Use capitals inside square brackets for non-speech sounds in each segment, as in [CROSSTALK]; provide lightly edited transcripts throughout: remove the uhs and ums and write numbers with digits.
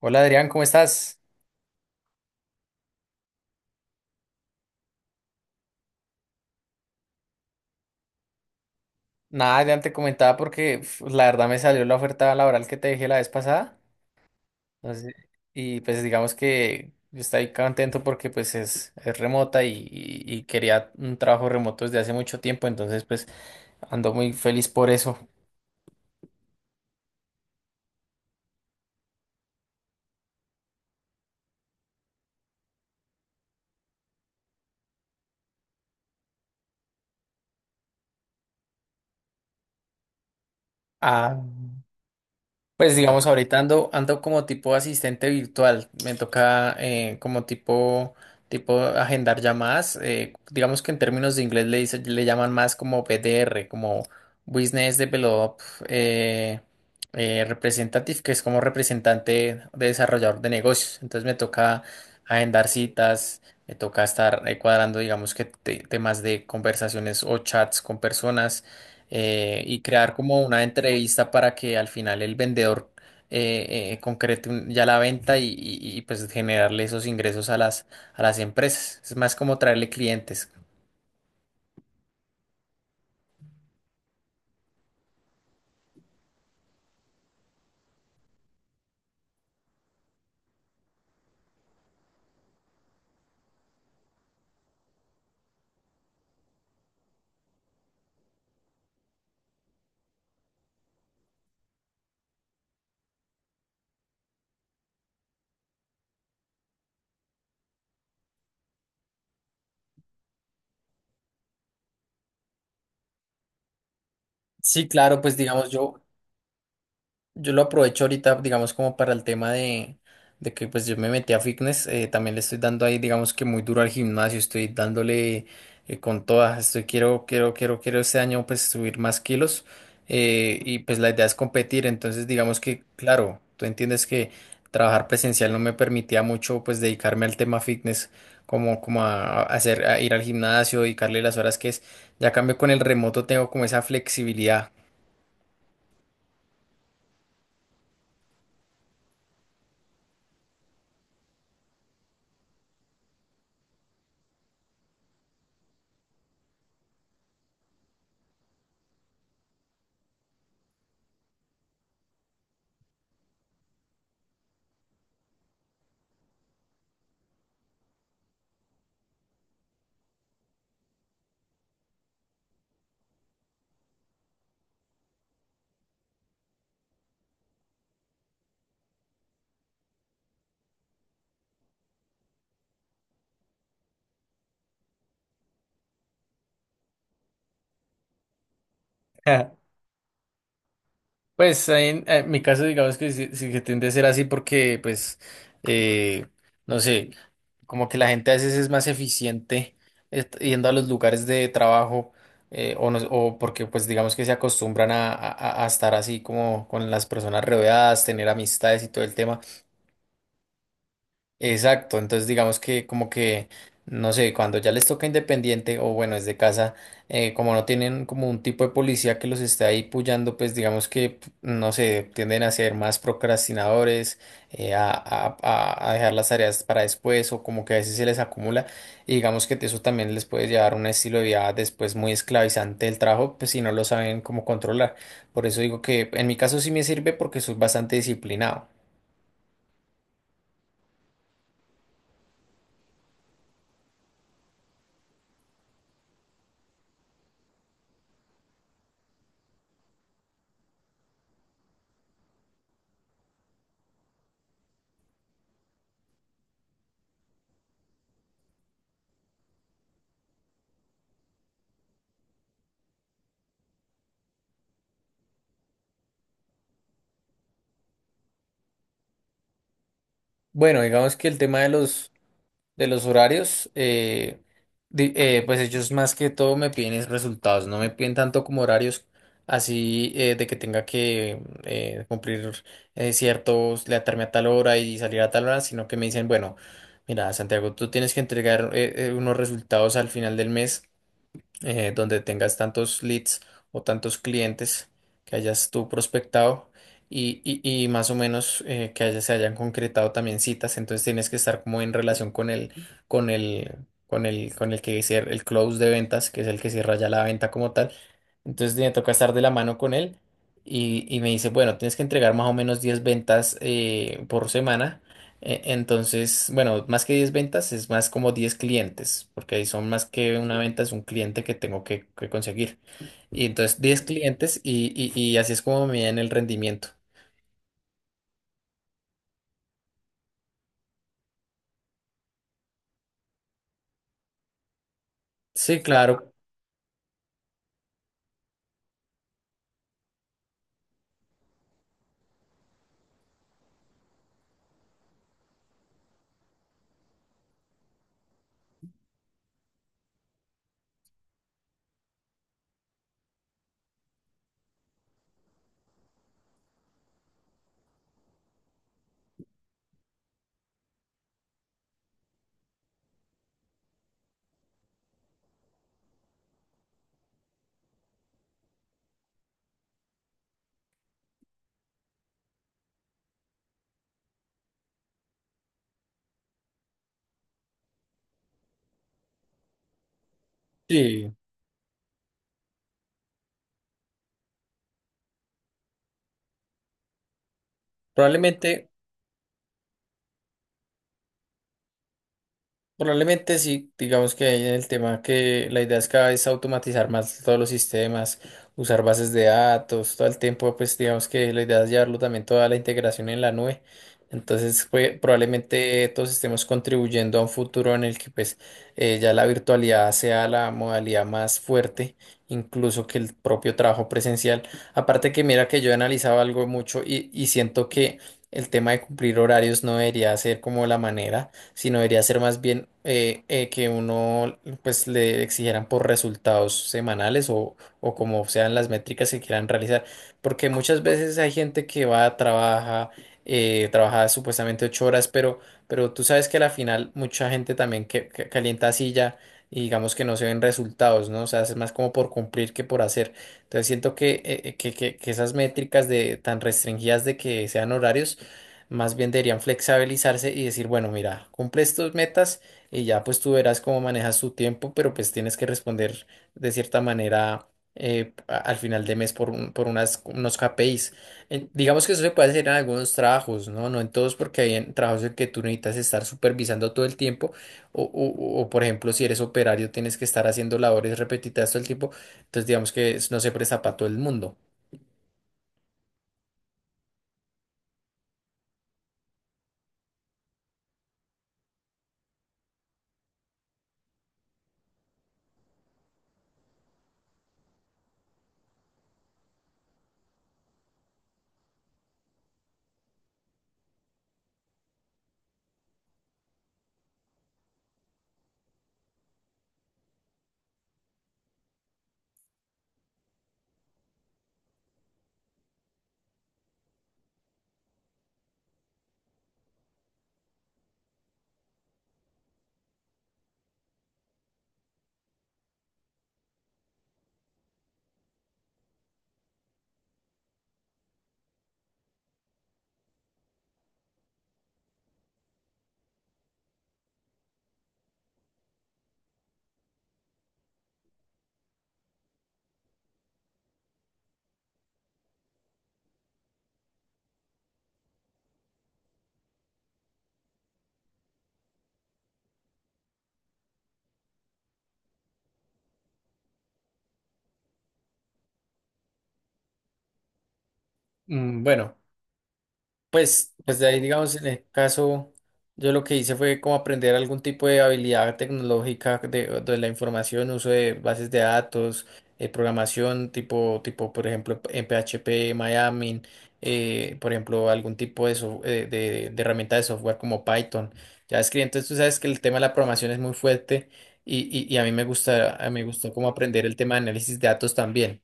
Hola Adrián, ¿cómo estás? Nada, ya te comentaba porque uf, la verdad me salió la oferta laboral que te dejé la vez pasada. Entonces, y pues digamos que yo estoy contento porque pues es remota y quería un trabajo remoto desde hace mucho tiempo, entonces pues ando muy feliz por eso. Ah. Pues digamos, ahorita ando como tipo asistente virtual. Me toca como tipo agendar llamadas. Digamos que en términos de inglés le llaman más como BDR, como Business Develop eh, Representative, que es como representante de desarrollador de negocios. Entonces me toca agendar citas, me toca estar cuadrando, digamos que temas de conversaciones o chats con personas y crear como una entrevista para que al final el vendedor concrete ya la venta y, pues generarle esos ingresos a las empresas. Es más como traerle clientes. Sí, claro, pues digamos yo lo aprovecho ahorita, digamos, como para el tema de que pues yo me metí a fitness, también le estoy dando ahí, digamos que muy duro al gimnasio, estoy dándole con todas, estoy quiero, quiero, quiero, quiero este año pues subir más kilos y pues la idea es competir. Entonces digamos que, claro, tú entiendes que trabajar presencial no me permitía mucho pues dedicarme al tema fitness, como a ir al gimnasio, dedicarle las horas que es, ya cambio con el remoto tengo como esa flexibilidad. [LAUGHS] Pues ahí en mi caso, digamos que sí, sí que tiende a ser así porque, pues, eh, no sé, como que la gente a veces es más eficiente yendo a los lugares de trabajo o, no- o porque, pues, digamos que se acostumbran a estar así como con las personas rodeadas, tener amistades y todo el tema. Exacto, entonces digamos que como que, no sé, cuando ya les toca independiente o bueno, es de casa, como no tienen como un tipo de policía que los esté ahí puyando, pues digamos que, no sé, tienden a ser más procrastinadores, a dejar las tareas para después o como que a veces se les acumula y digamos que eso también les puede llevar a un estilo de vida después muy esclavizante del trabajo, pues si no lo saben cómo controlar. Por eso digo que en mi caso sí me sirve porque soy bastante disciplinado. Bueno, digamos que el tema de los horarios, pues ellos más que todo me piden es resultados, no me piden tanto como horarios así de que tenga que cumplir ciertos, levantarme a tal hora y salir a tal hora, sino que me dicen, bueno, mira, Santiago, tú tienes que entregar unos resultados al final del mes donde tengas tantos leads o tantos clientes que hayas tú prospectado y más o menos que se hayan concretado también citas, entonces tienes que estar como en relación con el, con el que el close de ventas, que es el que cierra ya la venta como tal. Entonces me toca estar de la mano con él y me dice, bueno, tienes que entregar más o menos 10 ventas por semana. Entonces, bueno, más que 10 ventas es más como 10 clientes, porque ahí son más que una venta, es un cliente que tengo que conseguir. Y entonces 10 clientes y así es como me miden el rendimiento. Sí, claro, sí. Probablemente Probablemente sí, digamos que hay en el tema que la idea es cada vez automatizar más todos los sistemas, usar bases de datos, todo el tiempo, pues digamos que la idea es llevarlo también toda la integración en la nube. Entonces, pues, probablemente todos estemos contribuyendo a un futuro en el que pues ya la virtualidad sea la modalidad más fuerte, incluso que el propio trabajo presencial. Aparte que mira que yo he analizado algo mucho y siento que el tema de cumplir horarios no debería ser como la manera, sino debería ser más bien que uno pues le exigieran por resultados semanales o como sean las métricas que quieran realizar, porque muchas veces hay gente que va, trabaja supuestamente 8 horas, pero tú sabes que a la final mucha gente también que calienta silla y digamos que no se ven resultados, ¿no? O sea, es más como por cumplir que por hacer. Entonces siento que, que esas métricas de tan restringidas de que sean horarios, más bien deberían flexibilizarse y decir, bueno, mira, cumples tus metas y ya pues tú verás cómo manejas tu tiempo, pero pues tienes que responder de cierta manera al final de mes por unos KPIs. Digamos que eso se puede hacer en algunos trabajos, ¿no? No en todos porque hay en trabajos en que tú necesitas estar supervisando todo el tiempo o, por ejemplo, si eres operario tienes que estar haciendo labores repetitivas todo el tiempo, entonces digamos que no se presta para todo el mundo. Mm, bueno. Pues de ahí, digamos, en el caso, yo lo que hice fue como aprender algún tipo de habilidad tecnológica de la información, uso de bases de datos, programación por ejemplo, en PHP, Miami, por ejemplo, algún tipo de herramienta de software como Python, JavaScript. Entonces, tú sabes que el tema de la programación es muy fuerte y a mí me gustó como aprender el tema de análisis de datos también.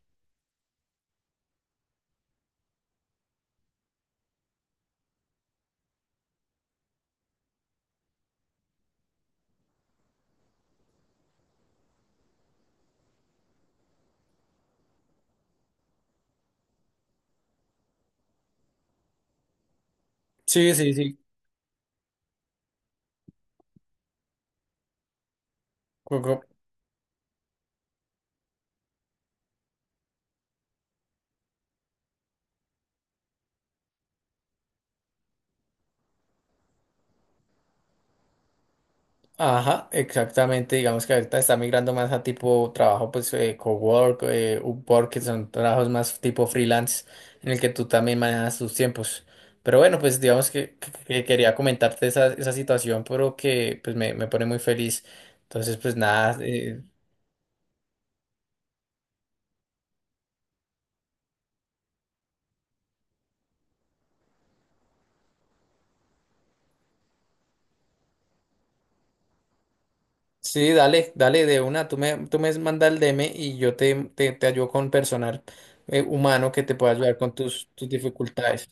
Sí, sí, sí. Ajá, exactamente. Digamos que ahorita está migrando más a tipo trabajo, pues cowork, Upwork, que son trabajos más tipo freelance, en el que tú también manejas tus tiempos. Pero bueno, pues digamos que quería comentarte esa situación, pero que pues me pone muy feliz. Entonces, pues nada, sí, dale, dale de una. Tú me manda el DM y yo te ayudo con personal humano que te pueda ayudar con tus dificultades.